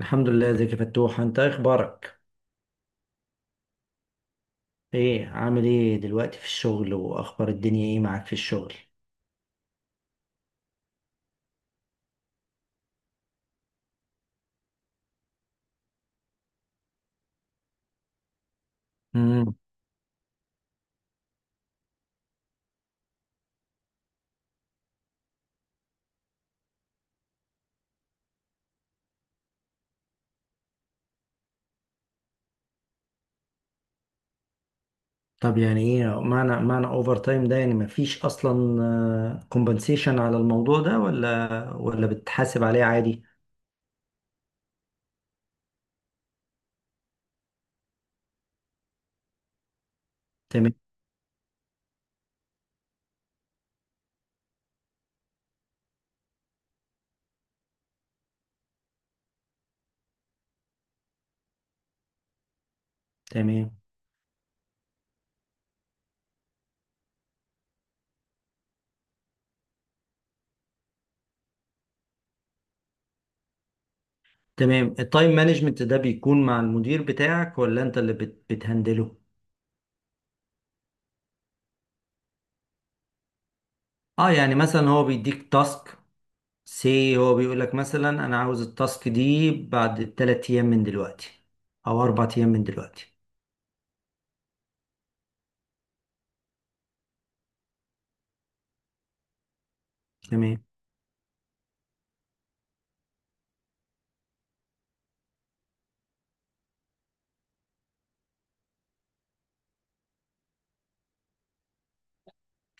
الحمد لله. ازيك يا فتوح؟ انت ايه اخبارك؟ ايه عامل ايه دلوقتي في الشغل؟ واخبار الدنيا ايه معاك في الشغل؟ امم. طب يعني ايه معنى اوفر تايم ده؟ يعني مفيش اصلا كومبنسيشن على الموضوع ده ولا بتحاسب عليه عادي؟ تمام. تمام. تمام، التايم مانجمنت ده بيكون مع المدير بتاعك ولا انت اللي بتهندله؟ اه، يعني مثلا هو بيديك تاسك سي، هو بيقول لك مثلا انا عاوز التاسك دي بعد 3 ايام من دلوقتي او 4 ايام من دلوقتي. تمام.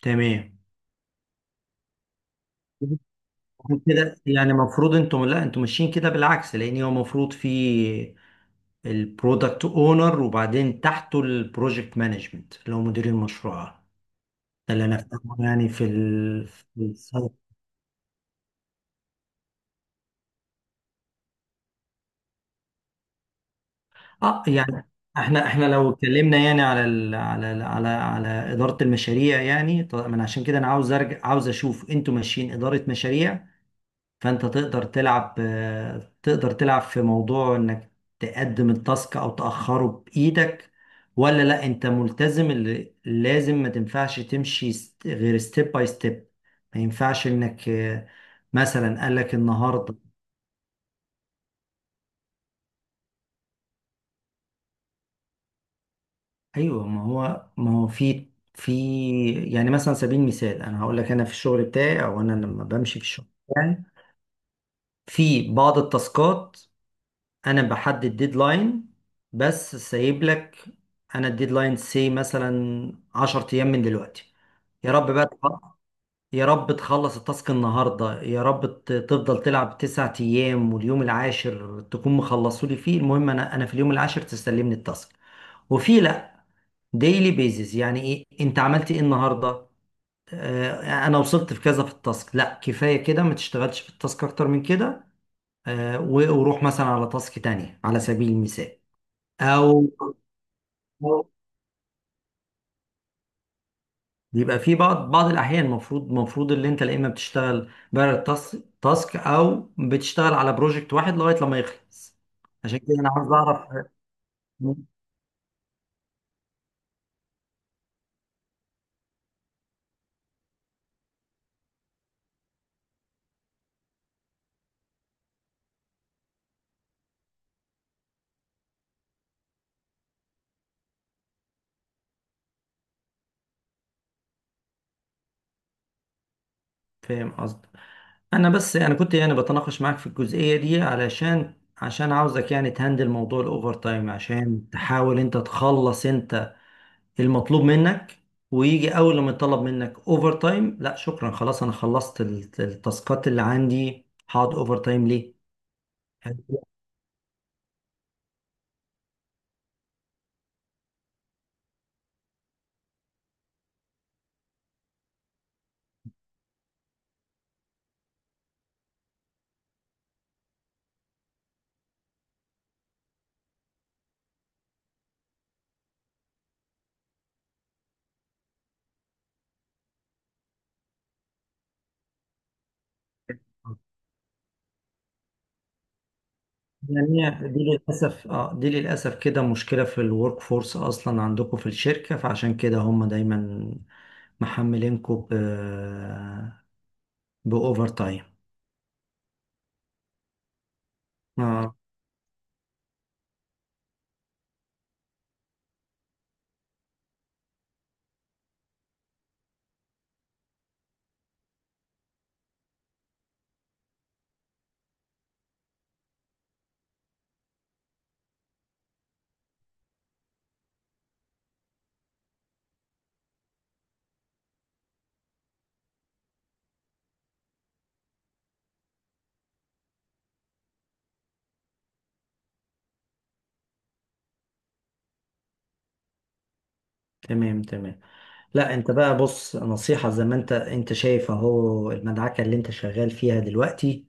تمام. كده يعني المفروض انتم، لا، انتم ماشيين كده بالعكس، لان هو المفروض في البرودكت اونر وبعدين تحته البروجكت مانجمنت اللي هو مدير المشروع. ده اللي انا فاهمه يعني في ال اه، يعني احنا لو اتكلمنا يعني على ال على ال على على اداره المشاريع. يعني طب عشان كده انا عاوز ارجع، عاوز اشوف انتوا ماشيين اداره مشاريع. فانت تقدر تلعب، تقدر تلعب في موضوع انك تقدم التاسك او تاخره بايدك، ولا لا انت ملتزم، اللي لازم ما تنفعش تمشي غير ستيب باي ستيب. ما ينفعش انك مثلا قال لك النهارده. ايوه، ما هو في في يعني مثلا على سبيل المثال انا هقول لك، انا في الشغل بتاعي، او انا لما بمشي في الشغل بتاعي في بعض التاسكات انا بحدد ديدلاين، بس سايب لك. انا الديدلاين سي مثلا 10 ايام من دلوقتي. يا رب بقى تخ- يا رب تخلص التاسك النهارده، يا رب تفضل تلعب 9 ايام واليوم العاشر تكون مخلصولي فيه. المهم انا، في اليوم العاشر تستلمني التاسك. وفي لا ديلي بيزز، يعني ايه انت عملت ايه النهارده؟ انا وصلت في كذا في التاسك. لا، كفايه كده، ما تشتغلش في التاسك اكتر من كده. وروح مثلا على تاسك تانية على سبيل المثال، او. أو بيبقى في بعض الاحيان المفروض اللي انت، لا، اما بتشتغل بره التاسك تاسك، او بتشتغل على بروجكت واحد لغايه لما يخلص. عشان كده انا عاوز اعرف. فاهم قصدي؟ انا بس انا كنت يعني بتناقش معاك في الجزئيه دي، عشان عاوزك يعني تهندل موضوع الاوفر تايم، عشان تحاول انت تخلص انت المطلوب منك، ويجي اول لما يطلب منك اوفر تايم، لا شكرا، خلاص انا خلصت التاسكات اللي عندي، هقعد اوفر تايم ليه؟ يعني هي دي للاسف اه دي للاسف كده مشكله في الورك فورس اصلا عندكم في الشركه، فعشان كده هم دايما محملينكم باوفر تايم. تمام. تمام. لا انت بقى بص، نصيحة، زي ما انت شايف اهو المدعكة اللي انت شغال فيها دلوقتي،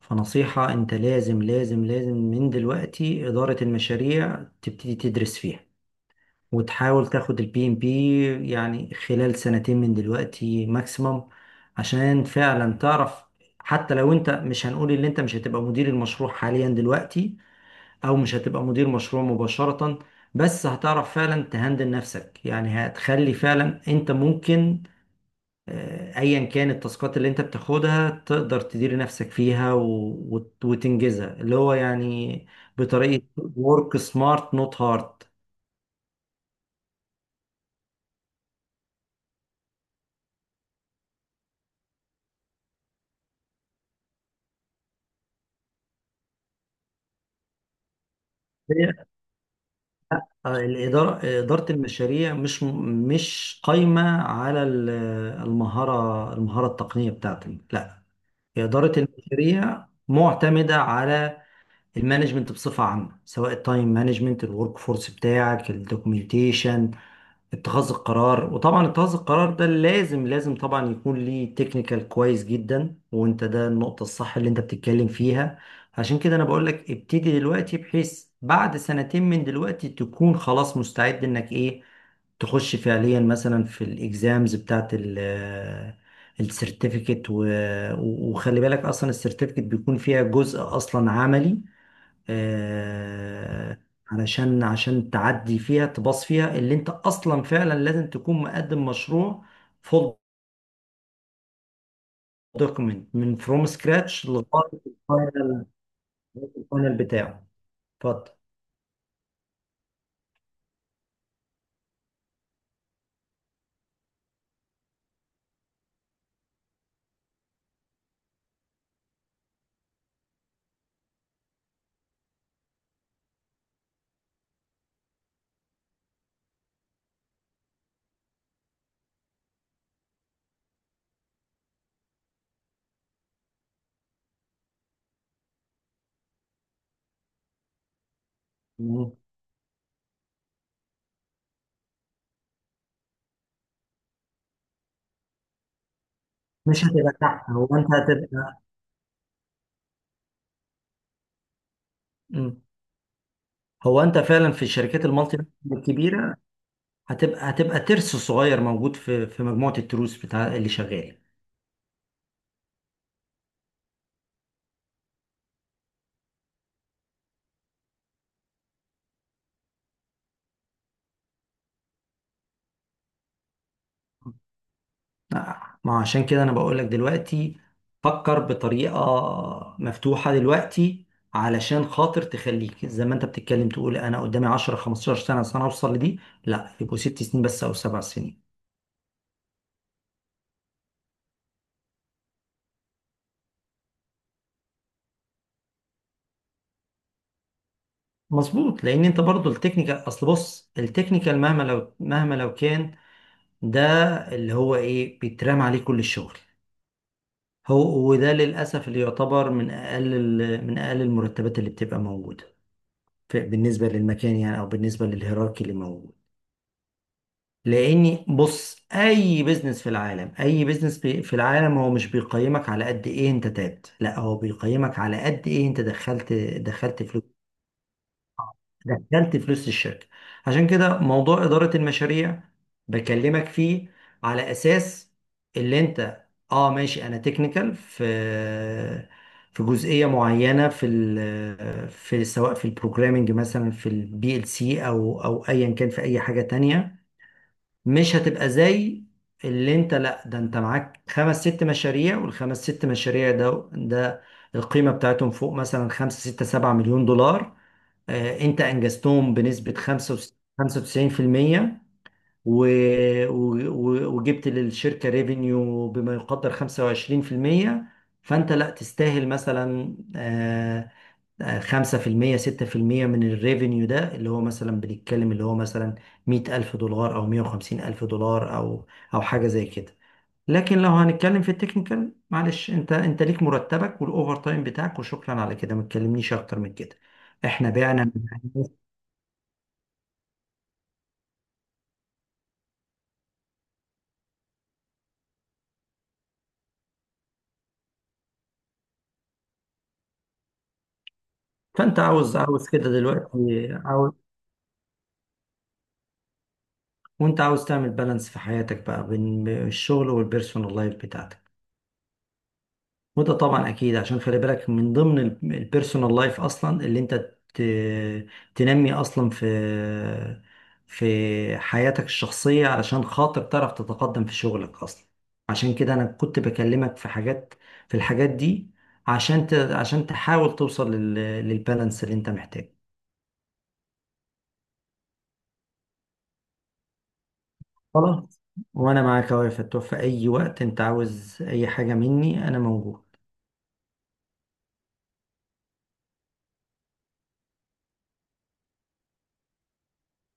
فنصيحة، انت لازم لازم لازم من دلوقتي إدارة المشاريع تبتدي تدرس فيها، وتحاول تاخد البي ام بي يعني خلال سنتين من دلوقتي ماكسيمم، عشان فعلا تعرف. حتى لو انت، مش هنقول ان انت مش هتبقى مدير المشروع حاليا دلوقتي او مش هتبقى مدير مشروع مباشرة، بس هتعرف فعلا تهندل نفسك. يعني هتخلي فعلا انت ممكن، ايا كان التاسكات اللي انت بتاخدها، تقدر تدير نفسك فيها وتنجزها اللي هو يعني بطريقة work smart not hard. هي، آه، الإدارة إدارة المشاريع مش قايمة على المهارة التقنية بتاعتك، لا. إدارة المشاريع معتمدة على المانجمنت بصفة عامة، سواء التايم مانجمنت، الورك فورس بتاعك، الدوكيومنتيشن، اتخاذ القرار. وطبعا اتخاذ القرار ده لازم لازم طبعا يكون ليه تكنيكال كويس جدا، وانت ده النقطة الصح اللي انت بتتكلم فيها. عشان كده انا بقول لك ابتدي دلوقتي، بحيث بعد سنتين من دلوقتي تكون خلاص مستعد انك ايه، تخش فعليا مثلا في الاكزامز بتاعت ال السيرتيفيكت. وخلي بالك اصلا السيرتيفيكت بيكون فيها جزء اصلا عملي، آه، علشان تعدي فيها، تباص فيها، اللي انت اصلا فعلا لازم تكون مقدم مشروع فول دوكيمنت فروم سكراتش لغايه الفاينل بتاعه. اتفضل. مم. مش هتبقى تحت، هو انت هتبقى. مم. هو انت فعلا في الشركات المالتي ناشونال الكبيره هتبقى ترس صغير موجود في مجموعه التروس بتاع اللي شغال. ما هو عشان كده انا بقول لك دلوقتي فكر بطريقة مفتوحة دلوقتي، علشان خاطر تخليك زي ما انت بتتكلم تقول انا قدامي 10 15 سنة عشان اوصل لدي، لا يبقوا 6 سنين بس او 7 سنين. مظبوط، لان انت برضو التكنيكال، اصل بص، التكنيكال مهما لو كان ده اللي هو ايه بيترمى عليه كل الشغل هو. وده للاسف اللي يعتبر من اقل المرتبات اللي بتبقى موجودة بالنسبة للمكان يعني او بالنسبة للهيراركي اللي موجود. لاني بص، اي بيزنس في العالم، اي بيزنس في العالم هو مش بيقيمك على قد ايه انت تعبت، لا، هو بيقيمك على قد ايه انت دخلت، دخلت فلوس، دخلت فلوس الشركة. عشان كده موضوع إدارة المشاريع بكلمك فيه على اساس اللي انت، اه ماشي، انا تكنيكال في في جزئية معينة، في ال في سواء في البروجرامنج مثلا في البي ال سي، او ايا كان في اي حاجة تانية. مش هتبقى زي اللي انت، لا، ده انت معاك خمس ست مشاريع، والخمس ست مشاريع ده القيمة بتاعتهم فوق مثلا 5 6 7 مليون دولار. انت انجزتهم بنسبة 95% و... و... وجبت للشركة ريفينيو بما يقدر 25%. فانت لا تستاهل مثلا، 5%، 6% من الريفينيو ده، اللي هو مثلا بنتكلم اللي هو مثلا 100,000 دولار أو 150,000 دولار، أو حاجة زي كده. لكن لو هنتكلم في التكنيكال، معلش، أنت ليك مرتبك والأوفر تايم بتاعك، وشكرا على كده، ما تكلمنيش أكتر من كده. إحنا بعنا من- فأنت عاوز كده دلوقتي. عاوز. وأنت عاوز تعمل بالانس في حياتك بقى بين الشغل والبيرسونال لايف بتاعتك. وده طبعا اكيد، عشان خلي بالك من ضمن البيرسونال لايف اصلا اللي انت تنمي اصلا في حياتك الشخصية علشان خاطر تعرف تتقدم في شغلك اصلا. عشان كده انا كنت بكلمك في الحاجات دي، عشان عشان تحاول توصل للبالانس اللي انت محتاجه. خلاص. وانا معاك اهو يا فتوح، في اي وقت انت عاوز اي حاجة مني انا موجود.